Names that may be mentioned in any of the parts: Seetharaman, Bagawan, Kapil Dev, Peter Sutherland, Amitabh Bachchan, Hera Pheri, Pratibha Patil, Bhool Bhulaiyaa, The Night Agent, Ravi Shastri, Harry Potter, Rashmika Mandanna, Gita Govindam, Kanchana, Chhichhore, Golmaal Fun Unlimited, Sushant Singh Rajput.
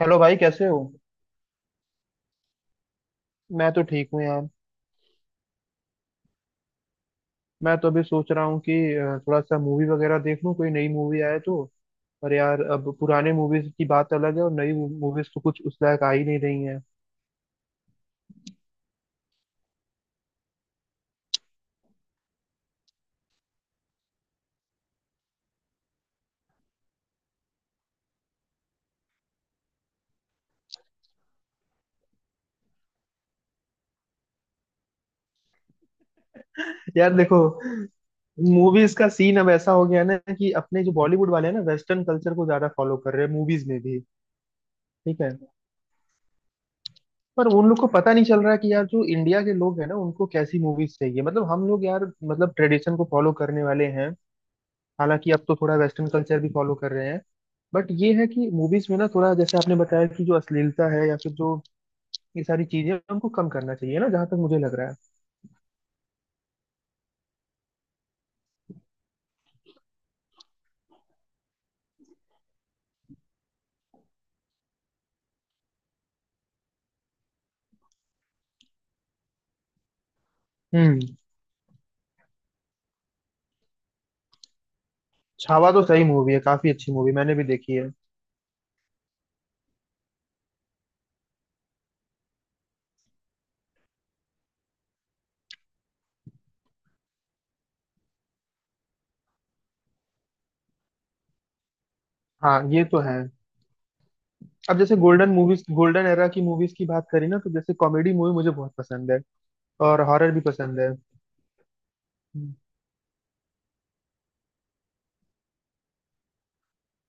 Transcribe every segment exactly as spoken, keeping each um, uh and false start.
Hello भाई, कैसे हो। मैं तो ठीक हूँ यार। मैं तो अभी सोच रहा हूँ कि अ, थोड़ा सा मूवी वगैरह देख लूँ, कोई नई मूवी आए तो। पर यार अब पुराने मूवीज की बात अलग है और नई मूवीज तो कुछ उस लायक आ ही नहीं रही है। यार देखो, मूवीज का सीन अब ऐसा हो गया है ना कि अपने जो बॉलीवुड वाले हैं ना, वेस्टर्न कल्चर को ज्यादा फॉलो कर रहे हैं मूवीज में भी। ठीक है, पर उन लोग को पता नहीं चल रहा है कि यार जो इंडिया के लोग हैं ना, उनको कैसी मूवीज चाहिए। मतलब हम लोग यार, मतलब ट्रेडिशन को फॉलो करने वाले हैं। हालांकि अब तो थोड़ा वेस्टर्न कल्चर भी फॉलो कर रहे हैं। बट ये है कि मूवीज में ना थोड़ा, जैसे आपने बताया कि जो अश्लीलता है या फिर जो ये सारी चीजें, उनको कम करना चाहिए ना, जहां तक मुझे लग रहा है। हम्म। छावा तो सही मूवी है, काफी अच्छी मूवी, मैंने भी देखी है। हाँ, ये तो है। अब जैसे गोल्डन मूवीज, गोल्डन एरा की मूवीज की बात करी ना, तो जैसे कॉमेडी मूवी मुझे बहुत पसंद है। और हॉरर भी पसंद है। हम्म।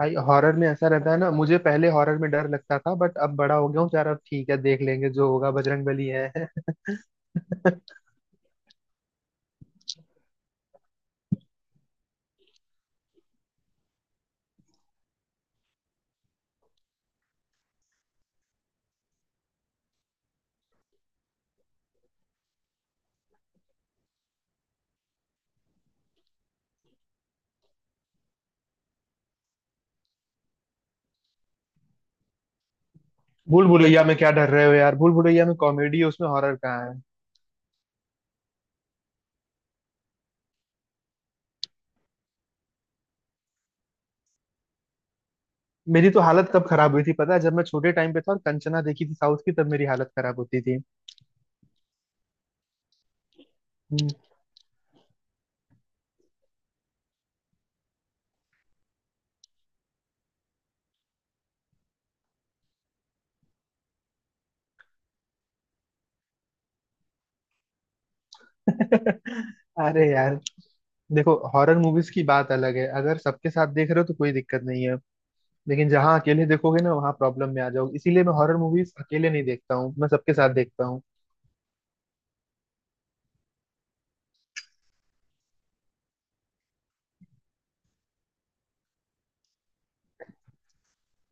भाई हॉरर में ऐसा रहता है ना, मुझे पहले हॉरर में डर लगता था, बट अब बड़ा हो गया हूँ तो यार अब ठीक है, देख लेंगे जो होगा, बजरंगबली है। भूल भुलैया में क्या डर रहे हो यार, भूल भुलैया में कॉमेडी है, उसमें हॉरर कहाँ है। मेरी तो हालत कब खराब हुई थी पता है, जब मैं छोटे टाइम पे था और कंचना देखी थी साउथ की, तब मेरी हालत खराब होती थी। हम्म। अरे यार, देखो हॉरर मूवीज की बात अलग है, अगर सबके साथ देख रहे हो तो कोई दिक्कत नहीं है। लेकिन जहाँ अकेले देखोगे ना, वहाँ प्रॉब्लम में आ जाओगे। इसीलिए मैं हॉरर मूवीज अकेले नहीं देखता हूँ, मैं सबके साथ देखता हूँ।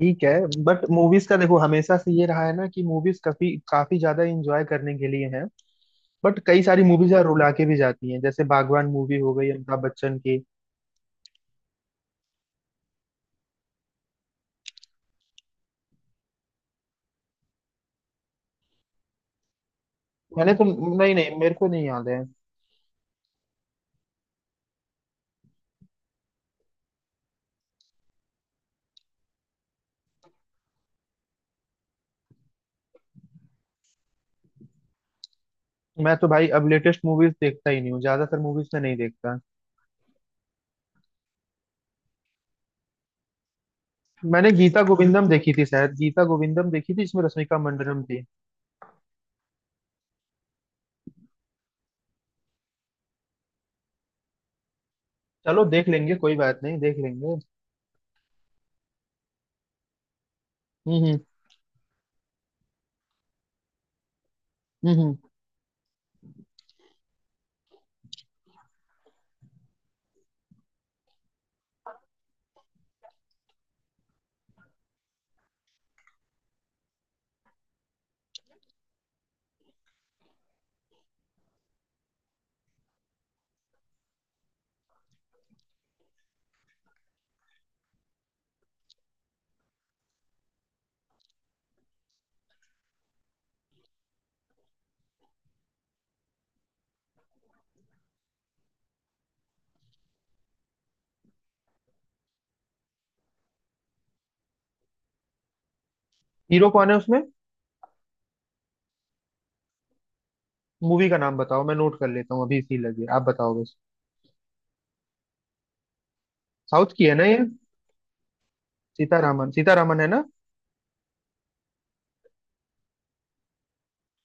ठीक है, बट मूवीज का देखो हमेशा से ये रहा है ना कि मूवीज काफी काफी ज्यादा इंजॉय करने के लिए है। बट कई सारी मूवीज यार रुला के भी जाती हैं, जैसे बागवान मूवी हो गई अमिताभ बच्चन की। मैंने तो, नहीं नहीं मेरे को नहीं याद है। मैं तो भाई अब लेटेस्ट मूवीज देखता ही नहीं हूँ, ज्यादातर मूवीज में नहीं देखता। मैंने गीता गोविंदम देखी थी, शायद गीता गोविंदम देखी थी, इसमें रश्मिका मंदान्ना थी। चलो देख लेंगे, कोई बात नहीं, देख लेंगे। हम्म हम्म। हम्म। हम्म। हीरो कौन है उसमें। मूवी का नाम बताओ, मैं नोट कर लेता हूँ अभी इसी लगे, आप बताओ बस। साउथ की है ना ये। सीतारामन, सीतारामन है ना।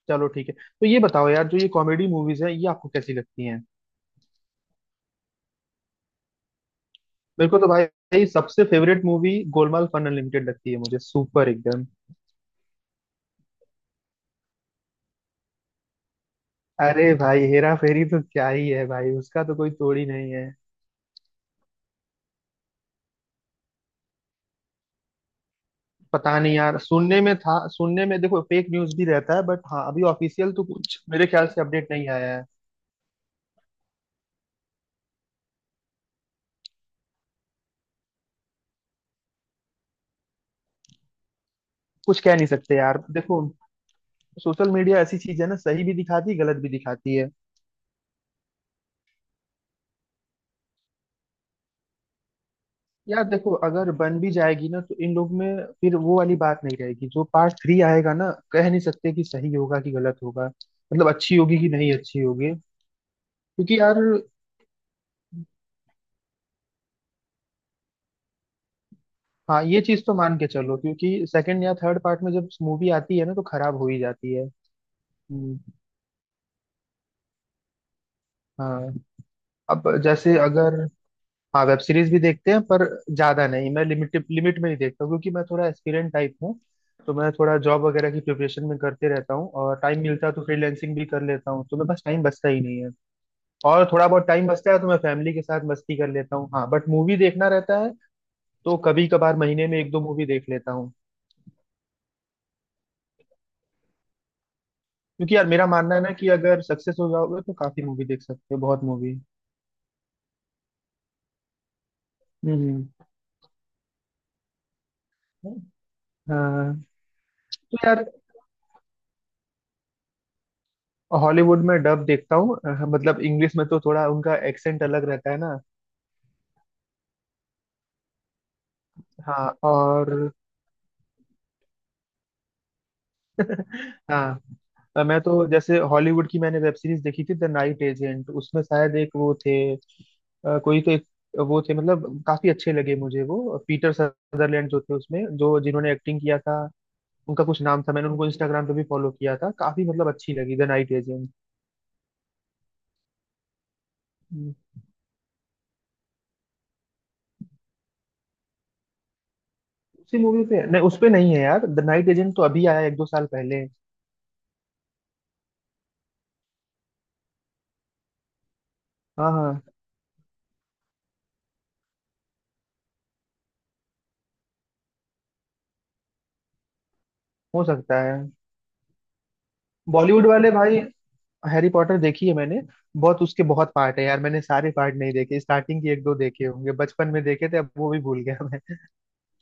चलो ठीक है। तो ये बताओ यार, जो ये कॉमेडी मूवीज है, ये आपको कैसी लगती हैं। मेरे को तो भाई, भाई सबसे favourite movie Golmaal fun unlimited लगती है मुझे, सुपर एकदम। अरे भाई, हेरा फेरी तो क्या ही है भाई, उसका तो कोई तोड़ ही नहीं है। पता नहीं यार, सुनने में था, सुनने में देखो फेक न्यूज भी रहता है, बट हाँ, अभी ऑफिशियल तो कुछ मेरे ख्याल से अपडेट नहीं आया है। कुछ कह नहीं सकते यार, देखो सोशल मीडिया ऐसी चीज है ना, सही भी दिखाती है, गलत भी दिखाती है। यार देखो, अगर बन भी जाएगी ना, तो इन लोग में फिर वो वाली बात नहीं रहेगी। जो पार्ट थ्री आएगा ना, कह नहीं सकते कि सही होगा कि गलत होगा, मतलब अच्छी होगी कि नहीं अच्छी होगी। क्योंकि यार, हाँ ये चीज तो मान के चलो, क्योंकि सेकंड या थर्ड पार्ट में जब मूवी आती है ना, तो खराब हो ही जाती है। हम्म। हाँ। अब जैसे अगर, हाँ, वेब सीरीज भी देखते हैं पर ज्यादा नहीं। मैं लिमिट लिमिट में ही देखता हूँ, क्योंकि मैं थोड़ा एस्पिरेंट टाइप हूँ। तो मैं थोड़ा जॉब वगैरह की प्रिपरेशन में करते रहता हूँ, और टाइम मिलता है तो फ्रीलैंसिंग भी कर लेता हूँ, तो मेरे पास टाइम बचता ही नहीं है। और थोड़ा बहुत टाइम बचता है तो मैं फैमिली के साथ मस्ती कर लेता हूँ। हाँ, बट मूवी देखना रहता है, तो कभी कभार महीने में एक दो मूवी देख लेता हूँ। क्योंकि यार मेरा मानना है ना, कि अगर सक्सेस हो जाओगे तो काफी मूवी देख सकते हो, बहुत मूवी। हम्म। हाँ तो यार, हॉलीवुड में डब देखता हूँ, अ, मतलब इंग्लिश में तो थोड़ा उनका एक्सेंट अलग रहता है ना। हाँ, और हाँ। अ, मैं तो जैसे हॉलीवुड की, मैंने वेब सीरीज देखी थी द नाइट एजेंट, उसमें शायद एक वो थे, अ, कोई तो एक वो थे, मतलब काफी अच्छे लगे मुझे, वो पीटर सदरलैंड जो थे उसमें, जो जिन्होंने एक्टिंग किया था, उनका कुछ नाम था। मैंने उनको इंस्टाग्राम पे भी फॉलो किया था, काफी मतलब अच्छी लगी द नाइट एजेंट। उसी मूवी पे नहीं, उस पे नहीं है यार, द नाइट एजेंट तो अभी आया है, एक दो साल पहले। हाँ हाँ, हो सकता है। बॉलीवुड वाले भाई, हैरी पॉटर देखी है मैंने। बहुत उसके बहुत पार्ट है यार, मैंने सारे पार्ट नहीं देखे, स्टार्टिंग के एक दो देखे होंगे, बचपन में देखे थे, अब वो भी भूल गया मैं।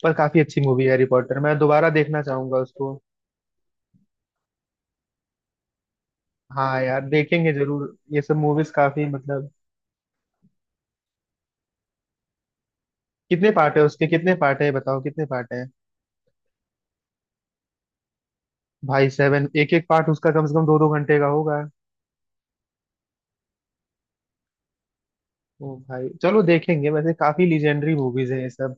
पर काफी अच्छी मूवी है हैरी पॉटर, मैं दोबारा देखना चाहूंगा उसको। हाँ यार, देखेंगे जरूर, ये सब मूवीज काफी मतलब। कितने पार्ट है उसके, कितने पार्ट है बताओ, कितने पार्ट है। भाई सेवन, एक एक पार्ट उसका कम से कम दो दो घंटे का होगा। ओ भाई, चलो देखेंगे, वैसे काफी लीजेंडरी मूवीज हैं ये सब।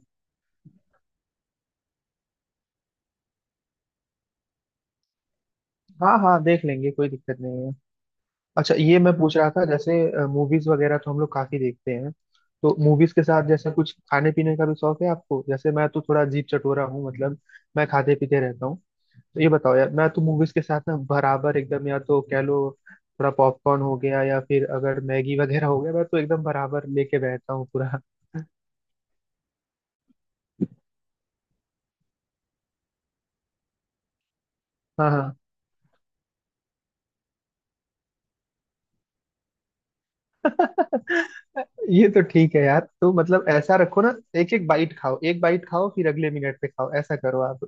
हाँ हाँ, देख लेंगे, कोई दिक्कत नहीं है। अच्छा ये मैं पूछ रहा था जैसे, मूवीज वगैरह तो हम लोग काफी देखते हैं, तो मूवीज के साथ जैसे कुछ खाने पीने का भी शौक है आपको। जैसे मैं तो थोड़ा अजीब चटोरा हूँ, मतलब मैं खाते पीते रहता हूँ। तो ये बताओ यार, मैं तो मूवीज के साथ ना बराबर एकदम, या तो कह लो थोड़ा पॉपकॉर्न हो गया, या फिर अगर मैगी वगैरह हो गया, मैं तो एकदम बराबर लेके बैठता हूँ पूरा। हाँ हाँ। ये तो ठीक है यार, तो मतलब ऐसा रखो ना, एक एक बाइट खाओ, एक बाइट खाओ, फिर अगले मिनट पे खाओ, ऐसा करो आप।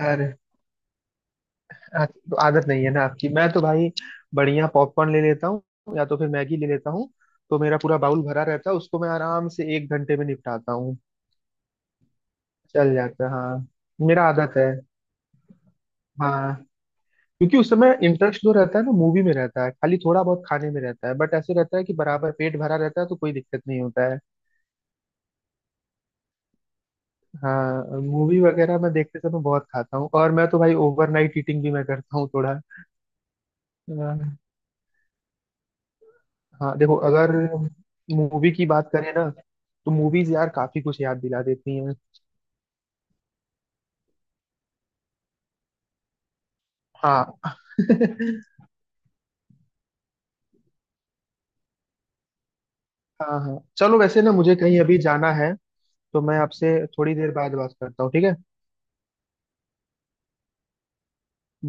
अरे, आ- तो आदत नहीं है ना आपकी। मैं तो भाई बढ़िया पॉपकॉर्न ले लेता हूँ, या तो फिर मैगी ले लेता हूँ, तो मेरा पूरा बाउल भरा रहता है, उसको मैं आराम से एक घंटे में निपटाता हूँ। चल जाता है, हाँ। मेरा आदत है। हाँ, क्योंकि उस समय इंटरेस्ट जो रहता है ना, मूवी में रहता है, खाली थोड़ा बहुत खाने में रहता है, बट ऐसे रहता है कि बराबर पेट भरा रहता है, तो कोई दिक्कत नहीं होता। हाँ, मूवी वगैरह मैं देखते समय बहुत खाता हूँ, और मैं तो भाई ओवरनाइट ईटिंग भी मैं करता हूँ थोड़ा। अ, हाँ देखो, अगर मूवी की बात करें ना, तो मूवीज यार काफी कुछ याद दिला देती हैं। हाँ। हाँ हाँ, चलो वैसे ना, मुझे कहीं अभी जाना है, तो मैं आपसे थोड़ी देर बाद बात करता हूँ, ठीक है।